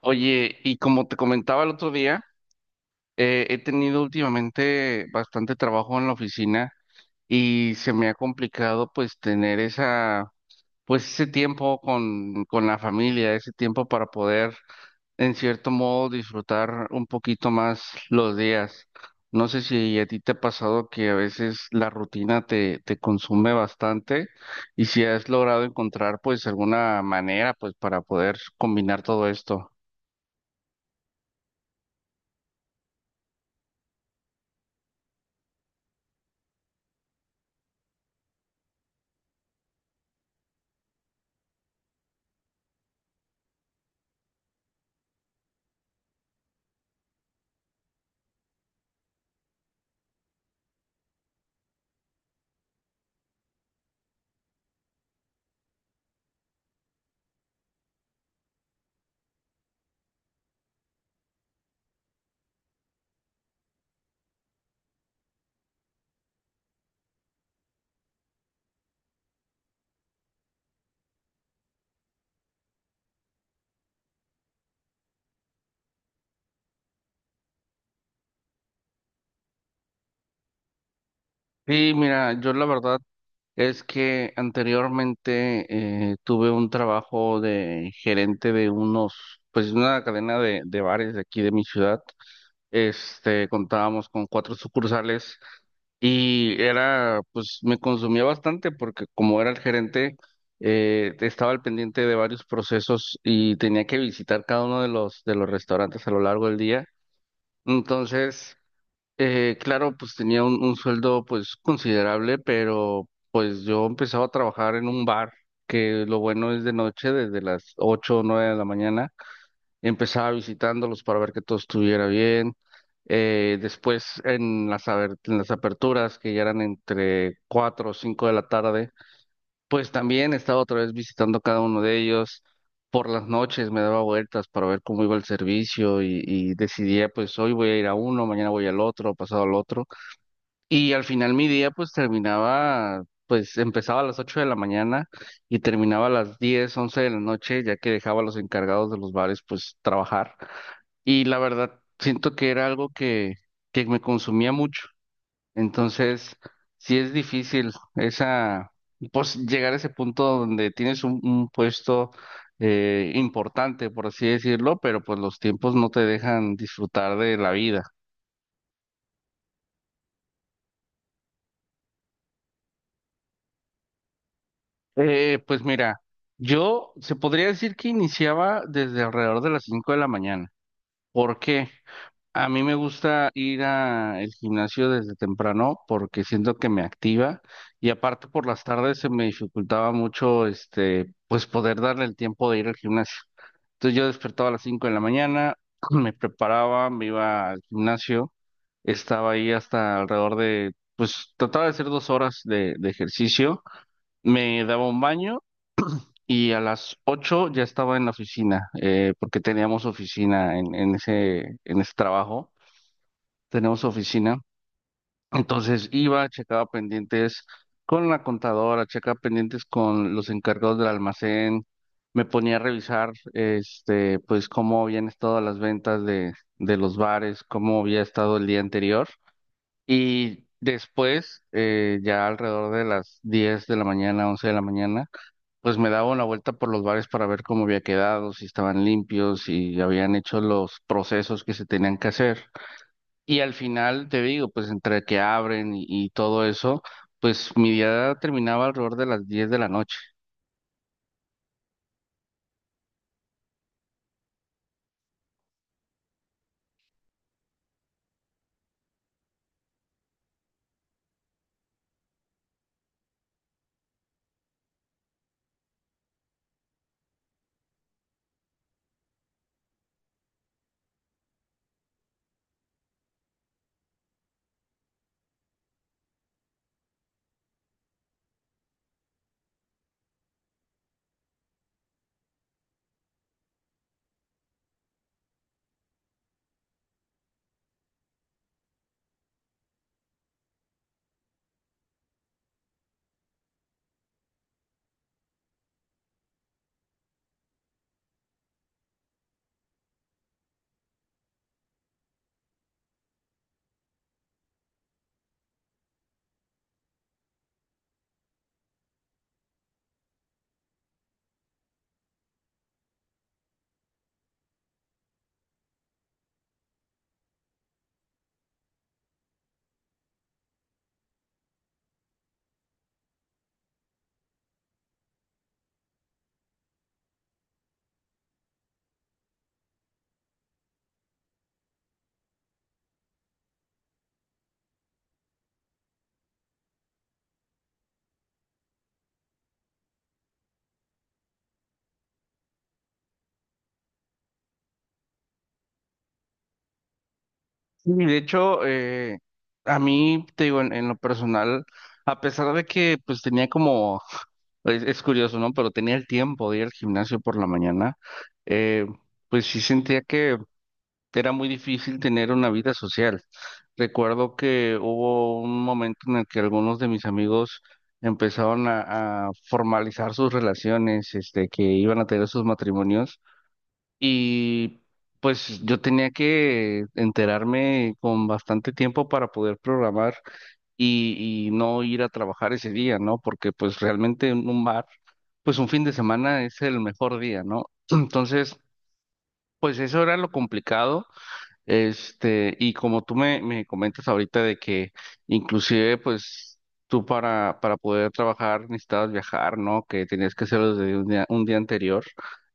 Oye, y como te comentaba el otro día, he tenido últimamente bastante trabajo en la oficina y se me ha complicado pues tener esa, pues ese tiempo con la familia, ese tiempo para poder en cierto modo disfrutar un poquito más los días. No sé si a ti te ha pasado que a veces la rutina te consume bastante y si has logrado encontrar pues alguna manera pues para poder combinar todo esto. Sí, mira, yo la verdad es que anteriormente tuve un trabajo de gerente de unos, pues una cadena de bares de aquí de mi ciudad. Este, contábamos con 4 sucursales y era, pues me consumía bastante porque como era el gerente, estaba al pendiente de varios procesos y tenía que visitar cada uno de los restaurantes a lo largo del día. Entonces... claro, pues tenía un sueldo pues considerable, pero pues yo empezaba a trabajar en un bar, que lo bueno es de noche, desde las 8 o 9 de la mañana. Empezaba visitándolos para ver que todo estuviera bien. Después en en las aperturas, que ya eran entre 4 o 5 de la tarde, pues también estaba otra vez visitando cada uno de ellos. Por las noches me daba vueltas para ver cómo iba el servicio y decidía pues hoy voy a ir a uno, mañana voy al otro, pasado al otro. Y al final mi día pues terminaba, pues empezaba a las 8 de la mañana y terminaba a las 10, 11 de la noche, ya que dejaba a los encargados de los bares pues trabajar. Y la verdad, siento que era algo que me consumía mucho. Entonces, sí es difícil esa, pues llegar a ese punto donde tienes un puesto importante, por así decirlo, pero pues los tiempos no te dejan disfrutar de la vida. Pues mira, yo se podría decir que iniciaba desde alrededor de las 5 de la mañana. ¿Por qué? A mí me gusta ir al gimnasio desde temprano porque siento que me activa y aparte por las tardes se me dificultaba mucho este, pues poder darle el tiempo de ir al gimnasio. Entonces yo despertaba a las 5 de la mañana, me preparaba, me iba al gimnasio, estaba ahí hasta alrededor de, pues trataba de hacer 2 horas de ejercicio. Me daba un baño y a las 8 ya estaba en la oficina, porque teníamos oficina en ese trabajo, tenemos oficina. Entonces iba, checaba pendientes con la contadora, checaba pendientes con los encargados del almacén, me ponía a revisar, este, pues cómo habían estado las ventas de los bares, cómo había estado el día anterior. Y después, ya alrededor de las 10 de la mañana, 11 de la mañana, pues me daba una vuelta por los bares para ver cómo había quedado, si estaban limpios, si habían hecho los procesos que se tenían que hacer. Y al final, te digo, pues entre que abren y todo eso, pues mi día terminaba alrededor de las 10 de la noche. Sí, de hecho, a mí, te digo, en lo personal, a pesar de que pues tenía como, es curioso, ¿no? Pero tenía el tiempo de ir al gimnasio por la mañana, eh, pues sí sentía que era muy difícil tener una vida social. Recuerdo que hubo un momento en el que algunos de mis amigos empezaron a formalizar sus relaciones, este, que iban a tener sus matrimonios y pues yo tenía que enterarme con bastante tiempo para poder programar y no ir a trabajar ese día, ¿no? Porque pues realmente en un bar, pues un fin de semana es el mejor día, ¿no? Entonces, pues eso era lo complicado. Este, y como tú me comentas ahorita de que inclusive pues tú para poder trabajar necesitabas viajar, ¿no? Que tenías que hacerlo desde un día anterior.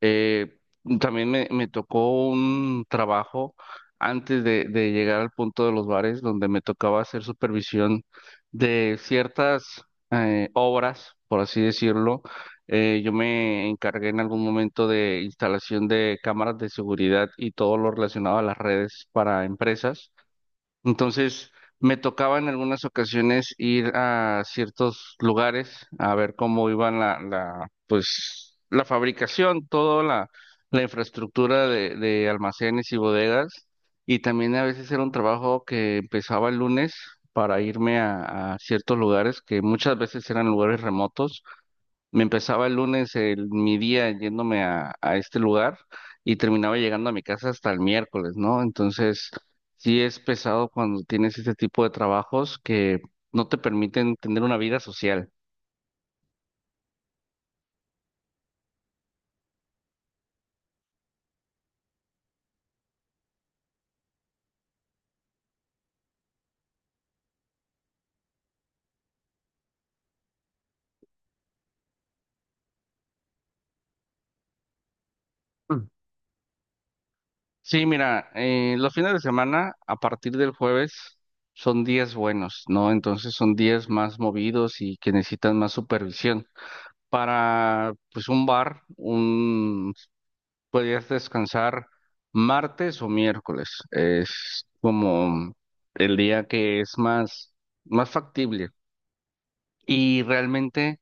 Eh, también me tocó un trabajo antes de llegar al punto de los bares donde me tocaba hacer supervisión de ciertas obras, por así decirlo. Yo me encargué en algún momento de instalación de cámaras de seguridad y todo lo relacionado a las redes para empresas. Entonces, me tocaba en algunas ocasiones ir a ciertos lugares a ver cómo iban pues, la fabricación, toda la infraestructura de almacenes y bodegas. Y también a veces era un trabajo que empezaba el lunes para irme a ciertos lugares que muchas veces eran lugares remotos. Me empezaba el lunes mi día yéndome a este lugar y terminaba llegando a mi casa hasta el miércoles, ¿no? Entonces, sí es pesado cuando tienes este tipo de trabajos que no te permiten tener una vida social. Mm. Sí, mira, los fines de semana a partir del jueves son días buenos, ¿no? Entonces son días más movidos y que necesitan más supervisión. Para, pues, un bar, un podrías descansar martes o miércoles. Es como el día que es más, más factible. Y realmente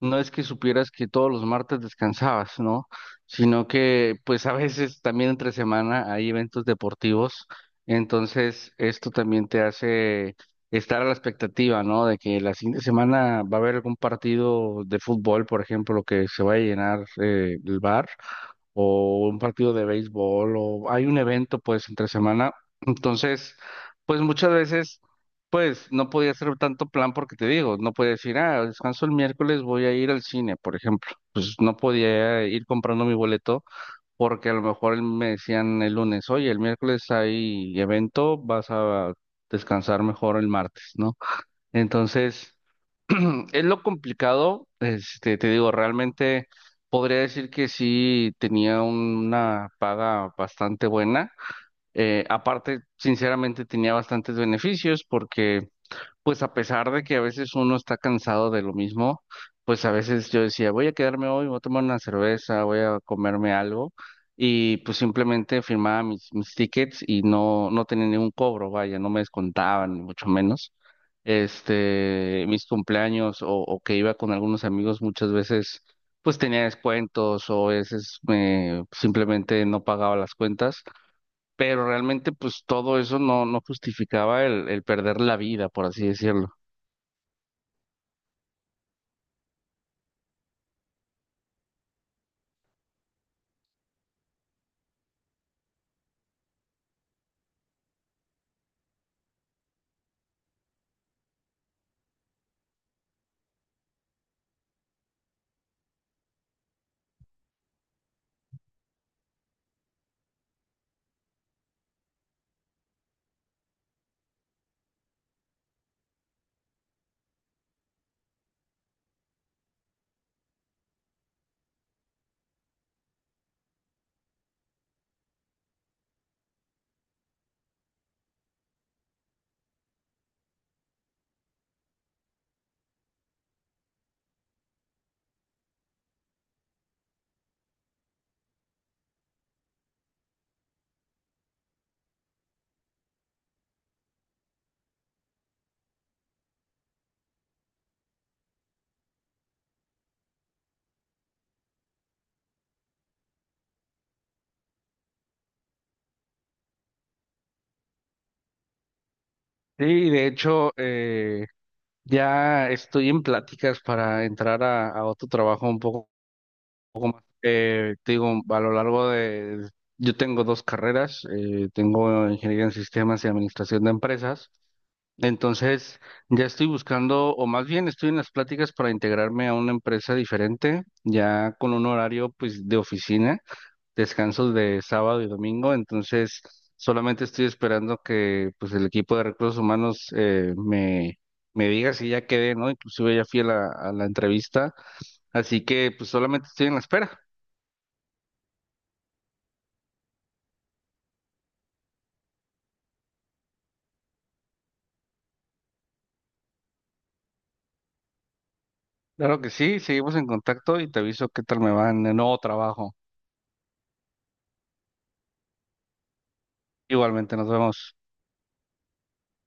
no es que supieras que todos los martes descansabas, ¿no? Sino que pues a veces también entre semana hay eventos deportivos. Entonces esto también te hace estar a la expectativa, ¿no? De que la siguiente semana va a haber algún partido de fútbol, por ejemplo, que se va a llenar el bar o un partido de béisbol o hay un evento pues entre semana. Entonces, pues muchas veces pues no podía hacer tanto plan porque te digo, no podía decir, ah, descanso el miércoles, voy a ir al cine, por ejemplo. Pues no podía ir comprando mi boleto porque a lo mejor me decían el lunes, oye, el miércoles hay evento, vas a descansar mejor el martes, ¿no? Entonces... Es lo complicado, este, te digo, realmente podría decir que sí tenía una paga bastante buena. Aparte, sinceramente, tenía bastantes beneficios porque pues a pesar de que a veces uno está cansado de lo mismo, pues a veces yo decía, voy a quedarme hoy, voy a tomar una cerveza, voy a comerme algo, y pues simplemente firmaba mis tickets y no, no tenía ningún cobro, vaya, no me descontaban, ni mucho menos. Este, mis cumpleaños o que iba con algunos amigos muchas veces, pues tenía descuentos o a veces me simplemente no pagaba las cuentas, pero realmente pues todo eso no, no justificaba el perder la vida, por así decirlo. Sí, de hecho, ya estoy en pláticas para entrar a otro trabajo un poco. Te digo, a lo largo de... Yo tengo 2 carreras, tengo ingeniería en sistemas y administración de empresas. Entonces, ya estoy buscando, o más bien estoy en las pláticas para integrarme a una empresa diferente, ya con un horario pues de oficina, descansos de sábado y domingo, entonces solamente estoy esperando que pues el equipo de recursos humanos me diga si ya quedé, ¿no? Inclusive ya fui a a la entrevista, así que pues solamente estoy en la espera. Claro que sí, seguimos en contacto y te aviso qué tal me va en el nuevo trabajo. Igualmente, nos vemos.